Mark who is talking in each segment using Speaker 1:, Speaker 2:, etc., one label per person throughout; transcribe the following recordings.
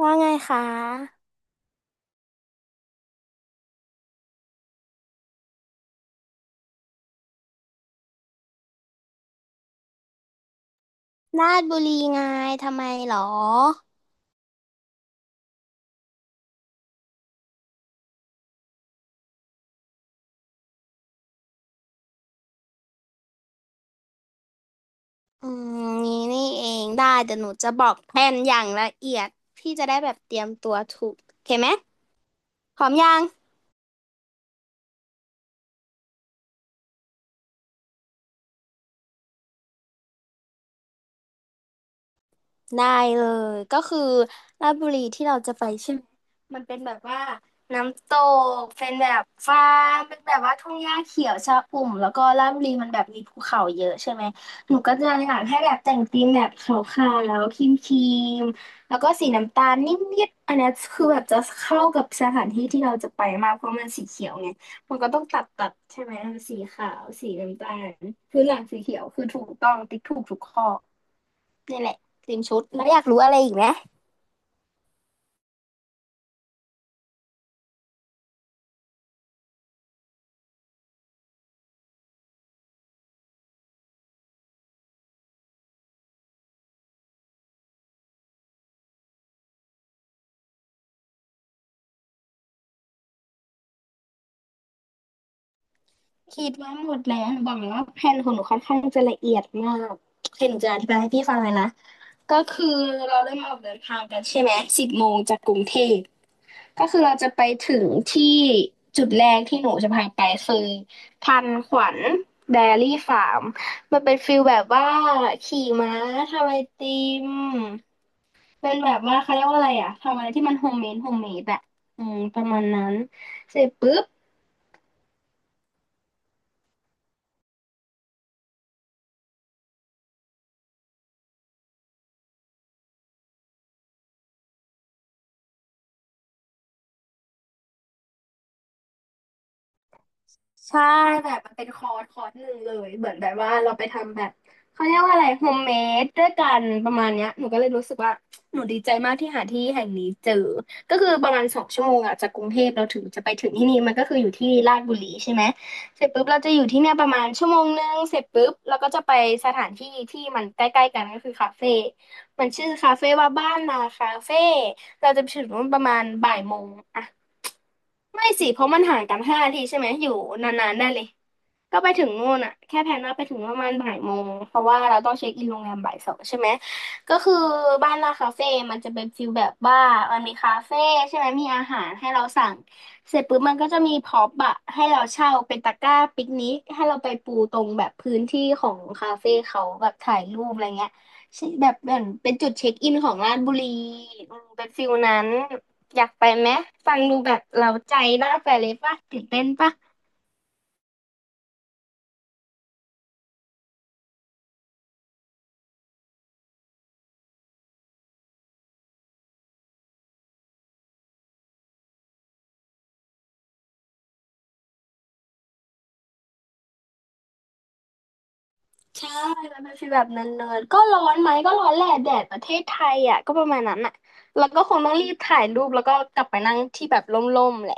Speaker 1: ว่าไงคะราชบุรีไงทำไมหรอ อืมนี่เองได้เดี๋ยวหนูจะบอกแผนอย่างละเอียดพี่จะได้แบบเตรียมตัวถูกโอเคไหมพร้อมยัง ได้เลยก็คือราชบุรีที่เราจะไปใช่ไหมมันเป็นแบบว่าน้ำตกเป็นแบบฟาร์มเป็นแบบว่าทุ่งหญ้าเขียวชอุ่มแล้วก็ราชบุรีมันแบบมีภูเขาเยอะใช่ไหมหนูก็จะอยากให้แบบแต่งธีมแบบขาวๆแล้วครีมๆแล้วก็สีน้ำตาลนิดๆอันเนี้ยคือแบบจะเข้ากับสถานที่ที่เราจะไปมากเพราะมันสีเขียวไงมันก็ต้องตัดตัดใช่ไหมสีขาวสีน้ำตาลคือหลังสีเขียวคือถูกต้องติ๊กถูกทุกข้อ นี่แหละเตรียมชุดแล้วอยากรู้อะไรอีกไหมคิดว่าหมดแล้วหนูบอกเลยว่าแผนของหนูค่อนข้างจะละเอียดมากเดี๋ยวหนูจะอธิบายให้พี่ฟังเลยนะก็คือเราเริ่มออกเดินทางกันใช่ไหม10 โมงจากกรุงเทพก็คือเราจะไปถึงที่จุดแรกที่หนูจะพาไปคือทันขวัญไดอารี่ฟาร์มมันเป็นฟิลแบบว่าขี่ม้าทำไอติมเป็นแบบว่าเขาเรียกว่าอะไรอะทำอะไรที่มันโฮมเมดโฮมเมดแบบอืมประมาณนั้นเสร็จปุ๊บ ใช่แบบมันเป็นคอร์สคอร์สหนึ่งเลยเหมือนแบบว่าเราไปทำแบบเขาเรียกว่าอะไรโฮมเมดด้วยกันประมาณเนี้ยหนูก็เลยรู้สึกว่าหนูดีใจมากที่หาที่แห่งนี้เจอก็คือประมาณ2 ชั่วโมงอะจากกรุงเทพเราถึงจะไปถึงที่นี่มันก็คืออยู่ที่ลาดบุรีใช่ไหมเสร็จปุ๊บเราจะอยู่ที่เนี่ยประมาณชั่วโมงนึงเสร็จปุ๊บเราก็จะไปสถานที่ที่มันใกล้ๆกันก็คือคาเฟ่มันชื่อคาเฟ่ว่าบ้านนาคาเฟ่เราจะไปถึง่ประมาณบ่ายโมงอะไม่สิเพราะมันห่างกัน5 นาทีใช่ไหมอยู่นานๆได้เลย ก็ไปถึงนู่นอ่ะแค่แพลนว่าไปถึงประมาณบ่ายโมงเพราะว่าเราต้องเช็คอินโรงแรมบ่ายสองใช่ไหมก็คือบ้านลาคาเฟ่มันจะเป็นฟิลแบบว่ามันมีคาเฟ่ใช่ไหมมีอาหารให้เราสั่งเสร็จปุ๊บมันก็จะมีพ็อปอะให้เราเช่าเป็นตะกร้าปิกนิกให้เราไปปูตรงแบบพื้นที่ของคาเฟ่เขาแบบถ่ายรูปอะไรเงี้ยใช่แบบเหมือนเป็นจุดเช็คอินของราชบุรีอืมเป็นฟิลนั้นอยากไปไหมฟังดูแบบเราใจน่าไปเลยป่ะตื่นเต้นป่ะ ใช่มันเป็นฟีลแบบเนินๆก็ร้อนไหมก็ร้อนแหละแดดประเทศไทยอ่ะก็ประมาณนั้นอ่ะแล้วก็คงต้องรีบถ่ายรูปแล้วก็กลับไปนั่งที่แบบร่มๆแหละ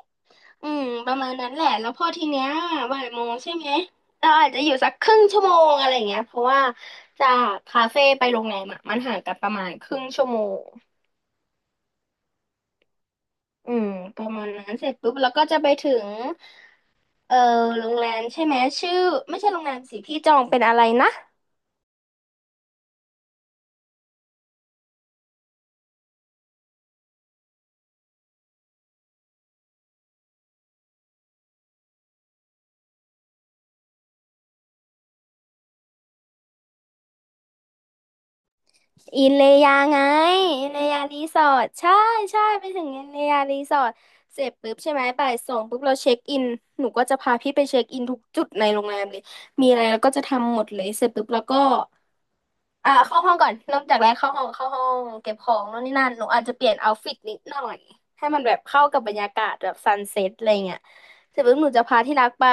Speaker 1: อืมประมาณนั้นแหละแล้วพอทีเนี้ยบ่ายโมงใช่ไหมเราอาจจะอยู่สักครึ่งชั่วโมงอะไรเงี้ยเพราะว่าจากคาเฟ่ไปโรงแรมอะมันห่างกันประมาณครึ่งชั่วโมงอืมประมาณนั้นเสร็จปุ๊บแล้วก็จะไปถึงเออโรงแรมใช่ไหมชื่อไม่ใช่โรงแรมสิพี่จองเป็นอะไรนะ อินเลยาไงอินเลยารีสอร์ทใช่ใช่ไปถึงอินเลยารีสอร์ทเสร็จปุ๊บใช่ไหมบ่ายสองปุ๊บเราเช็คอินหนูก็จะพาพี่ไปเช็คอินทุกจุดในโรงแรมเลยมีอะไรเราก็จะทำหมดเลยเสร็จปุ๊บแล้วก็อ่าเข้าห้องก่อนเริ่มจากแรกเข้าห้องเข้าห้องเก็บของโน่นนี่นั่นหนูอาจจะเปลี่ยนเอาท์ฟิตนิดหน่อยให้มันแบบเข้ากับบรรยากาศแบบซันเซ็ตอะไรเงี้ยเสร็จปุ๊บหนูจะพาที่รักไป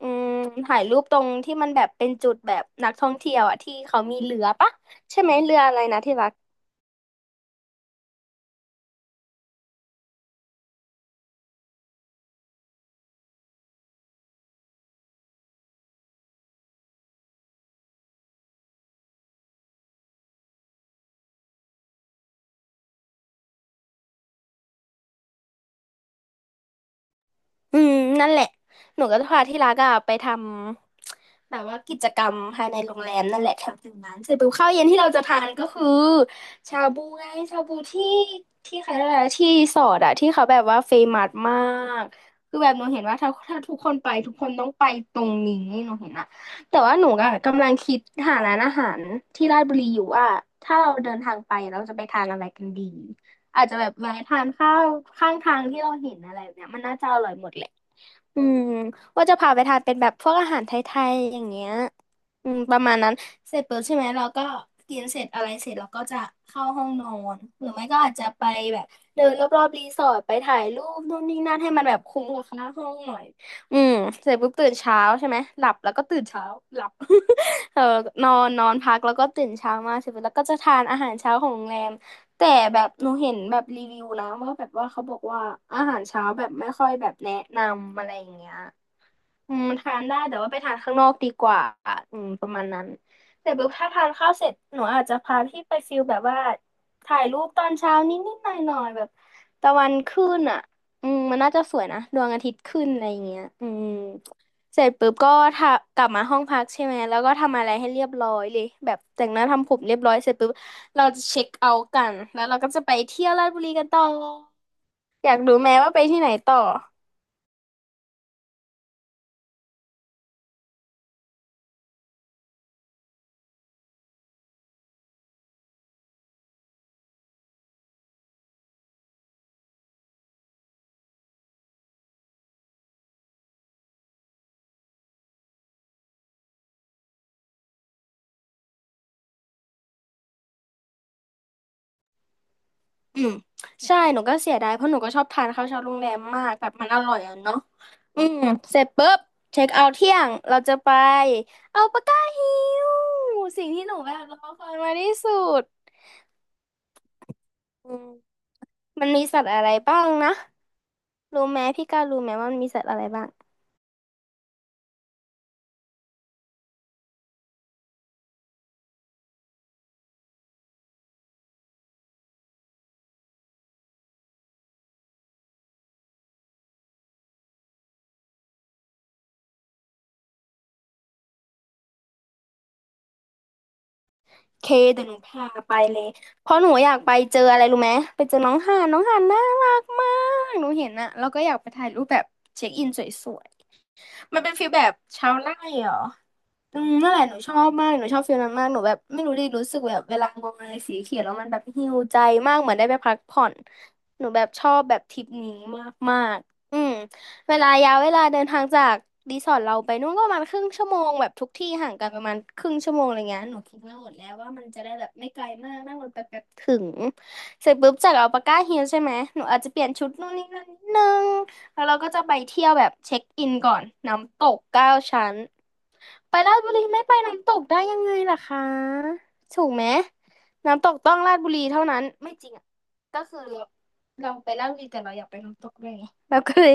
Speaker 1: อืมถ่ายรูปตรงที่มันแบบเป็นจุดแบบนักท่องเที่ยวอ่ะที่เขามีเรือปะใช่ไหมเรืออะไรนะที่รัก อืมนั่นแหละหนูก็จะพาที่รักอะไปทำแบบว่ากิจกรรมภายในโรงแรมนั่นแหละแถวตรงนั้นเสร็จปุ๊บข้าวเย็นที่เราจะทานก็คือชาบูไงชาบูที่ที่ใครอะไรนะที่สอดอะที่เขาแบบว่าเฟมัสมากคือแบบหนูเห็นว่าถ้าทุกคนไปทุกคนต้องไปตรงนี้หนูเห็นอะแต่ว่าหนูอะกำลังคิดหาร้านอาหารที่ราชบุรีอยู่ว่าถ้าเราเดินทางไปเราจะไปทานอะไรกันดีอาจจะแบบแวะทานข้าวข้างทางที่เราเห็นอะไรแบบเนี้ยมันน่าจะอร่อยหมดแหละ อืมว่าจะพาไปทานเป็นแบบพวกอาหารไทยๆอย่างเงี้ยประมาณนั้นเสร็จปุ๊บใช่ไหมเราก็กินเสร็จอะไรเสร็จเราก็จะเข้าห้องนอนหรือไม่ก็อาจจะไปแบบเดินรอบๆรีสอร์ทไปถ่ายรูปนู่นนี่นั่นให้มันแบบคุ้มกับค่าห้องหน่อยอืมเสร็จปุ๊บตื่นเช้าใช่ไหมหลับแล้วก็ตื่นเช้าหลับ เออนอนนอนพักแล้วก็ตื่นเช้ามาเสร็จปุ๊บแล้วก็จะทานอาหารเช้าของโรงแรม แต่แบบหนูเห็นแบบรีวิวนะว่าแบบว่าเขาบอกว่าอาหารเช้าแบบไม่ค่อยแบบแนะนำอะไรอย่างเงี้ยทานได้แต่ว่าไปทานข้างนอกดีกว่าประมาณนั้นแต่แบบถ้าทานข้าวเสร็จหนูอาจจะพาพี่ไปฟิลแบบว่าถ่ายรูปตอนเช้านิดๆหน่อยๆแบบตะวันขึ้นอ่ะมันน่าจะสวยนะดวงอาทิตย์ขึ้นอะไรอย่างเงี้ยเสร็จปุ๊บก็ทากลับมาห้องพักใช่ไหมแล้วก็ทำอะไรให้เรียบร้อยเลยแบบแต่งหน้าทำผมเรียบร้อยเสร็จปุ๊บ เราจะเช็คเอาท์กันแล้วเราก็จะไปเที่ยวราชบุรีกันต่ออยากรู้ไหมว่าไปที่ไหนต่ออืมใช่หนูก็เสียดายเพราะหนูก็ชอบทานข้าวเช้าโรงแรมมากแบบมันอร่อยอ่ะเนาะอืมเสร็จปุ๊บเช็คเอาท์เที่ยงเราจะไปเอาปากกาฮิวสิ่งที่หนูแบบรอคอยมาที่สุดอืมมันมีสัตว์อะไรบ้างนะรู้ไหมพี่ก้าวรู้ไหมว่ามันมีสัตว์อะไรบ้าง เคเดี๋ยวหนูพาไปเลยเพราะหนูอยากไปเจออะไรรู้ไหมไปเจอน้องห่านน้องห่านน่ารักมากหนูเห็นอะแล้วก็อยากไปถ่ายรูปแบบเช็คอินสวยๆมันเป็นฟีลแบบชาวไร่เหรอ นั่นแหละหนูชอบมากหนูชอบฟีลนั้นมากหนูแบบไม่รู้ดิรู้สึกแบบเวลามองอะไรสีเขียวแล้วมันแบบฮีลใจมากเหมือนได้ไปพักผ่อนหนูแบบชอบแบบทริปนี้มากมากอืมเวลายาวเวลาเดินทางจากรีสอร์ทเราไปนู่นก็ประมาณครึ่งชั่วโมงแบบทุกที่ห่างกันประมาณครึ่งชั่วโมงอะไรเงี้ยหนูคิดมาหมดแล้วว่ามันจะได้แบบไม่ไกลมากนั่งรถไปแป๊บถึงเสร็จปุ๊บจากอัลปาก้าฮิลใช่ไหมหนูอาจจะเปลี่ยนชุดนู่นนี่นั่นนิดนึงแล้วเราก็จะไปเที่ยวแบบเช็คอินก่อนน้ำตกเก้าชั้น ไปราชบุรีไม่ไปน้ำตกได้ยังไงล่ะคะถูกไหมน้ำตกต้องราชบุรีเท่านั้นไม่จริงอ่ะก็คือเราไปราชบุรีแต่เราอยากไปน้ำตกด้วยไงเราก็เลย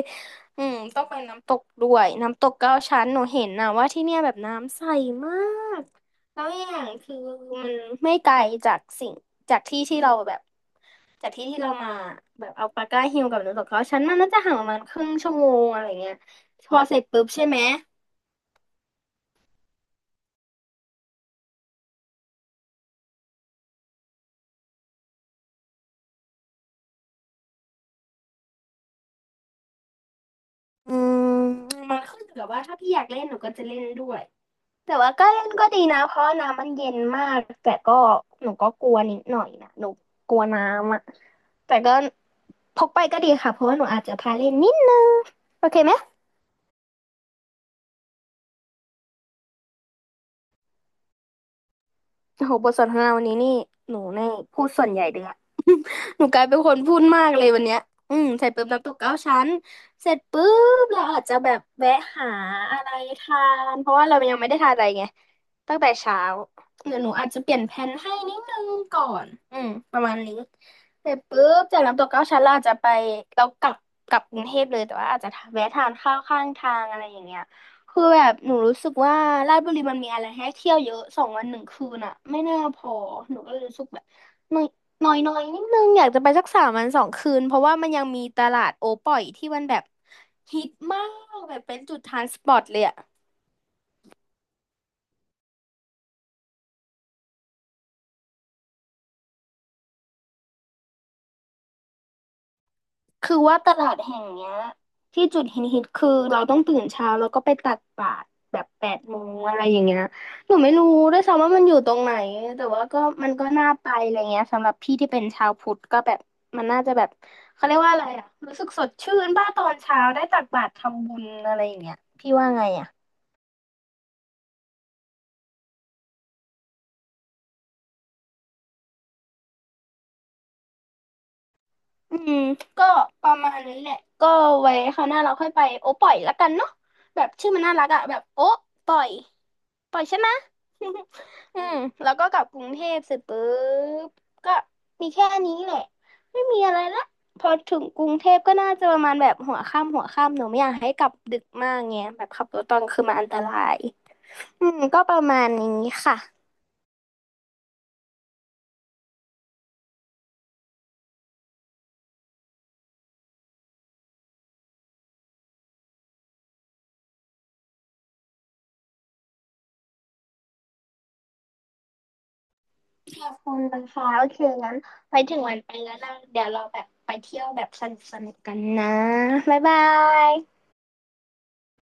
Speaker 1: ต้องไปน้ำตกด้วยน้ำตกเก้าชั้นหนูเห็นนะว่าที่เนี่ยแบบน้ำใสมากแล้วอย่างคือมันไม่ไกลจากสิ่งจากที่ที่เราแบบจากที่ที่เรามาแบบเอาปาก้าฮิลกับน้ำตกเก้าชั้นมันน่าจะห่างประมาณครึ่งชั่วโมงอะไรเงี้ยพอเสร็จปุ๊บใช่ไหม อืมมันขึ้นอยู่กับว่าถ้าพี่อยากเล่นหนูก็จะเล่นด้วยแต่ว่าก็เล่นก็ดีนะเพราะน้ำมันเย็นมากแต่ก็หนูก็กลัวนิดหน่อยนะหนูกลัวน้ำอะแต่ก็พกไปก็ดีค่ะเพราะว่าหนูอาจจะพาเล่นนิดนึงโอเคไหมโอ้โหบทสนทนาวันนี้นี่หนูในพูดส่วนใหญ่เลยอะ หนูกลายเป็นคนพูดมากเลยวันเนี้ยใส่ปุ๊บน้ำตกเก้าชั้นเสร็จปุ๊บเราอาจจะแบบแวะหาอะไรทานเพราะว่าเรายังไม่ได้ทานอะไรไงตั้งแต่เช้าเดี๋ยวหนูอาจจะเปลี่ยนแผนให้นิดนึงก่อน ประมาณนี้เสร็จปุ๊บจากน้ำตกเก้าชั้นเราอาจจะไปเรากลับกลับกรุงเทพเลยแต่ว่าอาจจะแวะทานข้าวข้างทางอะไรอย่างเงี้ยคือแบบหนูรู้สึกว่าราชบุรีมันมีอะไรให้เที่ยวเยอะสองวันหนึ่งคืนอะไม่น่าพอหนูก็เลยรู้สึกแบบ น้อยน้อยนิดนึง อยากจะไปสักสามวันสองคืน เพราะว่ามันยังมีตลาดโอป่อยที่มันแบบฮิตมาก แบบเป็นจุดทรานสปอร์ตเลยอะคือว่าตลาดแห่งเนี้ยที่จุดฮิตฮิตคือเราต้องตื่นเช้าแล้วก็ไปตักบาตรแบบแปดโมงอะไรอย่างเงี้ยหนูไม่รู้ด้วยซ้ำว่ามันอยู่ตรงไหน แต่ว่าก็มันก็น่าไปอะไรเงี้ยสำหรับพี่ที่เป็นชาวพุทธก็แบบมันน่าจะแบบเขาเรียกว่าอะไรอะรู้สึกสดชื่นบ้าตอนเช้าได้ตักบาตรทำบุญอะไรอย่างเงี้ยพี่ว่าไงอะ อืมก็ประมาณนี้แหละก็ไว้คราวหน้าเราค่อยไปโอ้ปล่อยละกันเนาะแบบชื่อมันน่ารักอะแบบโอ้ปล่อยปล่อยใช่ไหม อืมแล้วก็กลับกรุงเทพเสร็จปุ๊บก็มีแค่นี้แหละไม่มีอะไรละพอถึงกรุงเทพก็น่าจะประมาณแบบหัวค่ำหัวค่ำหนูไม่อยากให้กลับดึกมากไงแบบขับรถตอนกลางคือมันอันตรายก็ประมาณนี้ค่ะ ค่ะคุณนะคะโอเคงั้นไว้ถึงวันไปแล้วนะเดี๋ยวเราแบบไปเที่ยวแบบสนุกสนุกกันนะบ๊ายบาย